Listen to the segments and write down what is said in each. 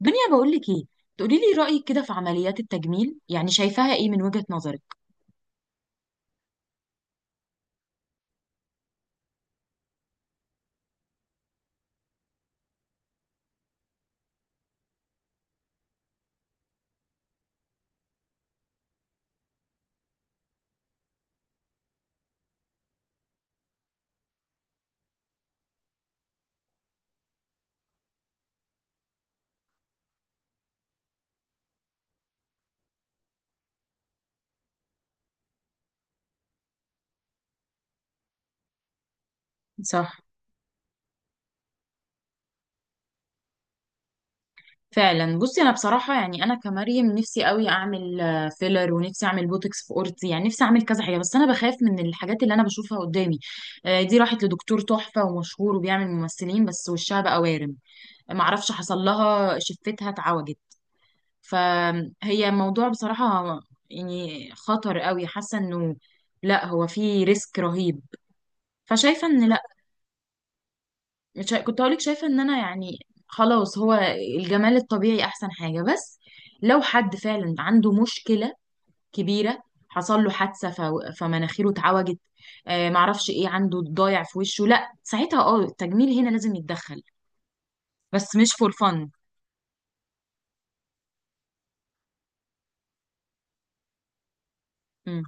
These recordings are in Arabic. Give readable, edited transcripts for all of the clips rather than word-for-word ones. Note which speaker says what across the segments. Speaker 1: دنيا بقول لك ايه. تقولي لي رأيك كده في عمليات التجميل، شايفاها ايه من وجهة نظرك؟ صح، فعلا. بصي انا بصراحه، انا كمريم نفسي قوي اعمل فيلر، ونفسي اعمل بوتوكس في قورتي، نفسي اعمل كذا حاجه، بس انا بخاف من الحاجات اللي انا بشوفها قدامي. دي راحت لدكتور تحفه ومشهور وبيعمل ممثلين، بس وشها بقى وارم. معرفش حصل لها، شفتها اتعوجت. فهي موضوع بصراحه خطر قوي، حاسه انه لا، هو فيه ريسك رهيب. فشايفه ان لا. مش كنت هقولك شايفة ان انا خلاص، هو الجمال الطبيعي احسن حاجة. بس لو حد فعلا عنده مشكلة كبيرة، حصل له حادثة فمناخيره اتعوجت، آه معرفش ايه، عنده ضايع في وشه، لا ساعتها اه التجميل هنا لازم يتدخل. بس مش فور فن. امم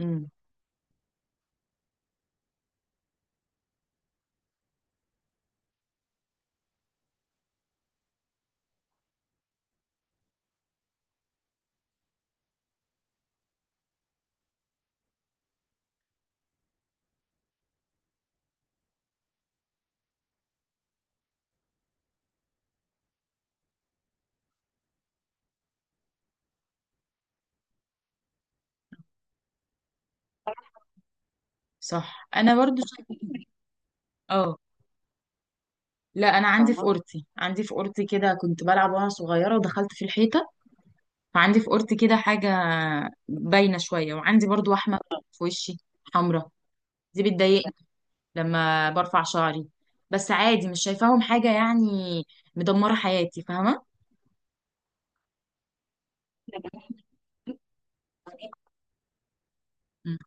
Speaker 1: امم صح. انا برضو شايفة. اه. لا انا عندي في، فاهمة اوضتي، عندي في اوضتي كده، كنت بلعب وانا صغيرة ودخلت في الحيطة، فعندي في اوضتي كده حاجة باينة شوية. وعندي برضو وحمة في وشي حمرا، دي بتضايقني لما برفع شعري. بس عادي، مش شايفاهم حاجة مدمرة حياتي، فاهمة؟ مم.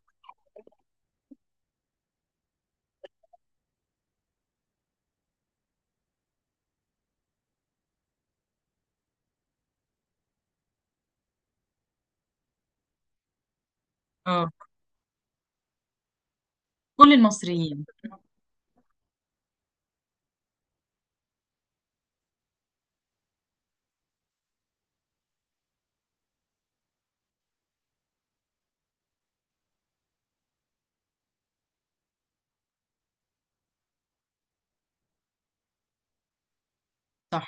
Speaker 1: اه. كل المصريين. صح.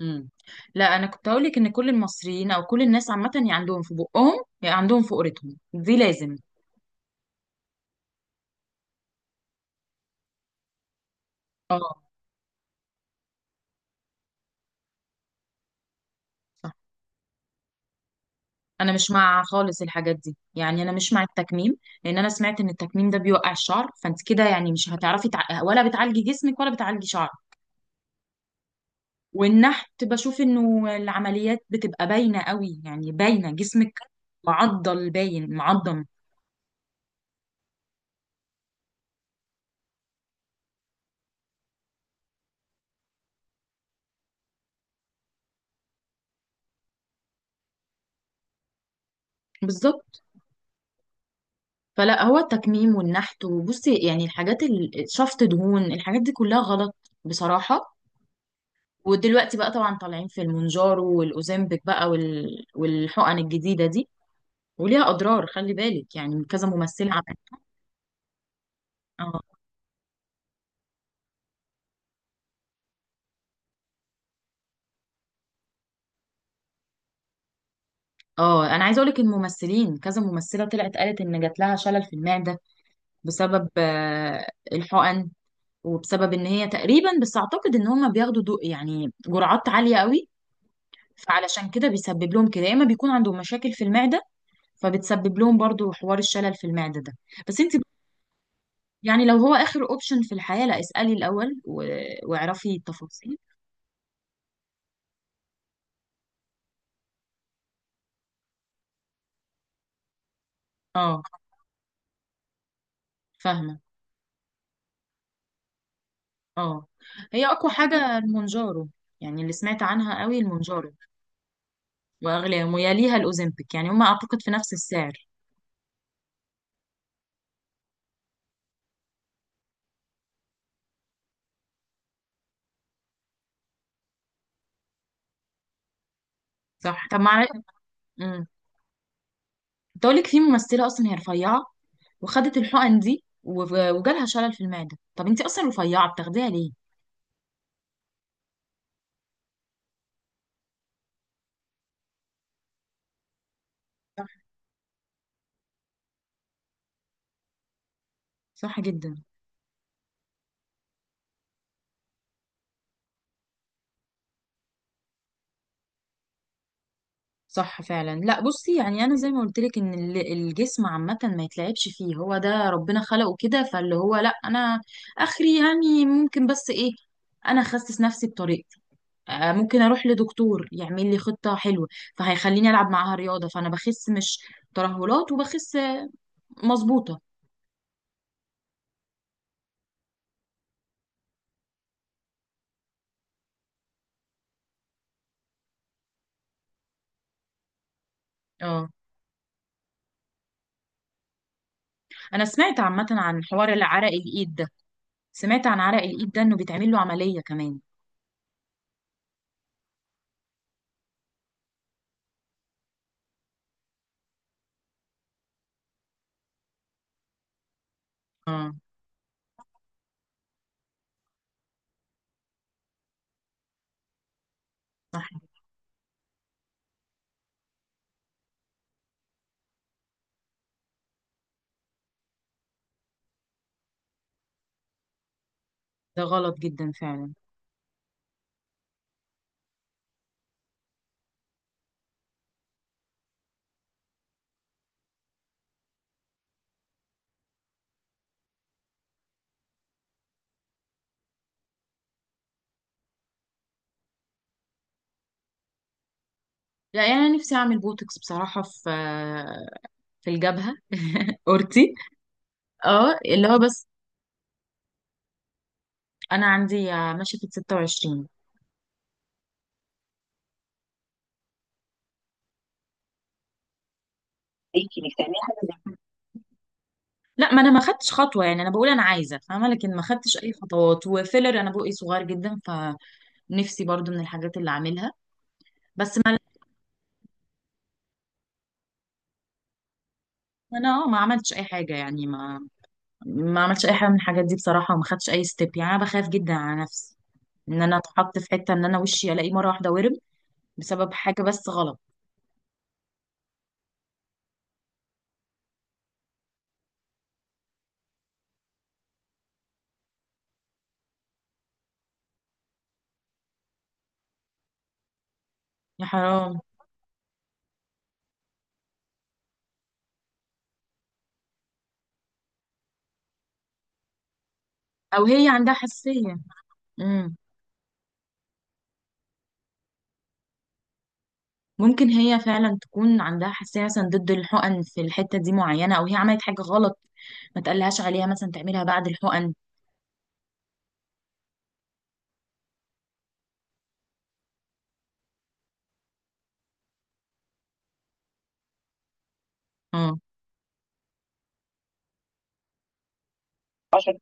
Speaker 1: مم. لا انا كنت هقولك ان كل المصريين او كل الناس عامة، يا عندهم في بقهم يا عندهم في قرتهم دي لازم. اه. صح، انا مش مع خالص الحاجات دي، انا مش مع التكميم، لان انا سمعت ان التكميم ده بيوقع الشعر، فانت كده مش هتعرفي ولا بتعالجي جسمك ولا بتعالجي شعرك. والنحت بشوف انه العمليات بتبقى باينة قوي، باينة جسمك معضل، باين معضم. بالظبط. فلا، هو التكميم والنحت وبصي الحاجات شفط دهون، الحاجات دي كلها غلط بصراحة. ودلوقتي بقى طبعا طالعين في المونجارو والاوزempic بقى والحقن الجديدة دي، وليها اضرار، خلي بالك كذا ممثلة عملت. اه. اه، انا عايزه اقول لك الممثلين، كذا ممثله طلعت قالت ان جات لها شلل في المعده، بسبب الحقن، وبسبب ان هي تقريبا، بس اعتقد ان هم بياخدوا جرعات عاليه قوي. فعلشان كده بيسبب لهم كده، يا اما بيكون عندهم مشاكل في المعده، فبتسبب لهم برضو حوار الشلل في المعده ده. بس انت لو هو اخر اوبشن في الحياه، لا اسالي الاول واعرفي التفاصيل. اه فاهمه. اه هي اقوى حاجه المونجارو، اللي سمعت عنها قوي المونجارو. واغلى، ويليها الاوزمبيك، هم اعتقد في نفس السعر. صح. طب مع، امم، كنت اقول لك في ممثله اصلا هي رفيعه، وخدت الحقن دي وجالها شلل في المعدة، طب انت اصلا رفيعة بتاخديها ليه؟ صح. صح جدا. صح فعلا. لا بصي، انا زي ما قلت لك ان الجسم عامه ما يتلعبش فيه، هو ده ربنا خلقه كده. فاللي هو لا، انا اخري ممكن، بس ايه، انا اخسس نفسي بطريقتي. ممكن اروح لدكتور يعمل لي خطه حلوه، فهيخليني العب معاها رياضه، فانا بخس، مش ترهلات، وبخس مظبوطه. اه انا سمعت عامه عن حوار العرق الايد ده. سمعت عن عرق الايد ده انه بيتعمل له عملية كمان. اه. صح، ده غلط جدا فعلا. لا انا نفسي اعمل بوتوكس بصراحة في، في الجبهة، اورتي. اه اللي هو بس. انا عندي ماشية في 26. ليكي انك تعمليها. لا ما انا ما خدتش خطوه، انا بقول انا عايزه، فاهمه، لكن ما خدتش اي خطوات. وفيلر انا بقي صغير جدا، فنفسي برضو من الحاجات اللي اعملها. بس ما انا ما عملتش اي حاجه ما عملتش اي حاجه من الحاجات دي بصراحه، وما خدتش اي ستيب. انا بخاف جدا على نفسي ان انا اتحط في حته ان انا وشي الاقيه مره واحده ورم، بسبب حاجه بس غلط. يا حرام. او هي عندها حساسيه. امم. ممكن هي فعلا تكون عندها حساسيه مثلا ضد الحقن في الحته دي معينه، او هي عملت حاجه غلط ما تقلهاش عليها مثلا تعملها بعد الحقن. اه عشان.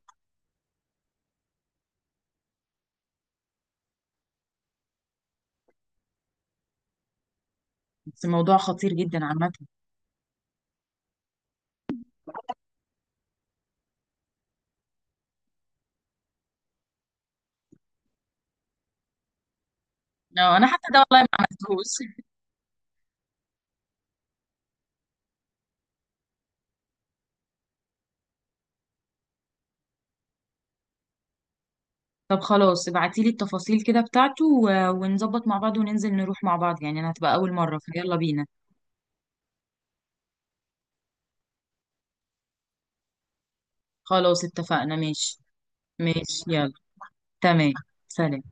Speaker 1: بس الموضوع خطير جدا عامه. لا، انا حتى ده والله ما عملتهوش. طب خلاص ابعتيلي التفاصيل كده بتاعته ونظبط مع بعض، وننزل نروح مع بعض، انا هتبقى اول مره فيلا بينا. خلاص اتفقنا، ماشي. ماشي يلا. تمام. سلام.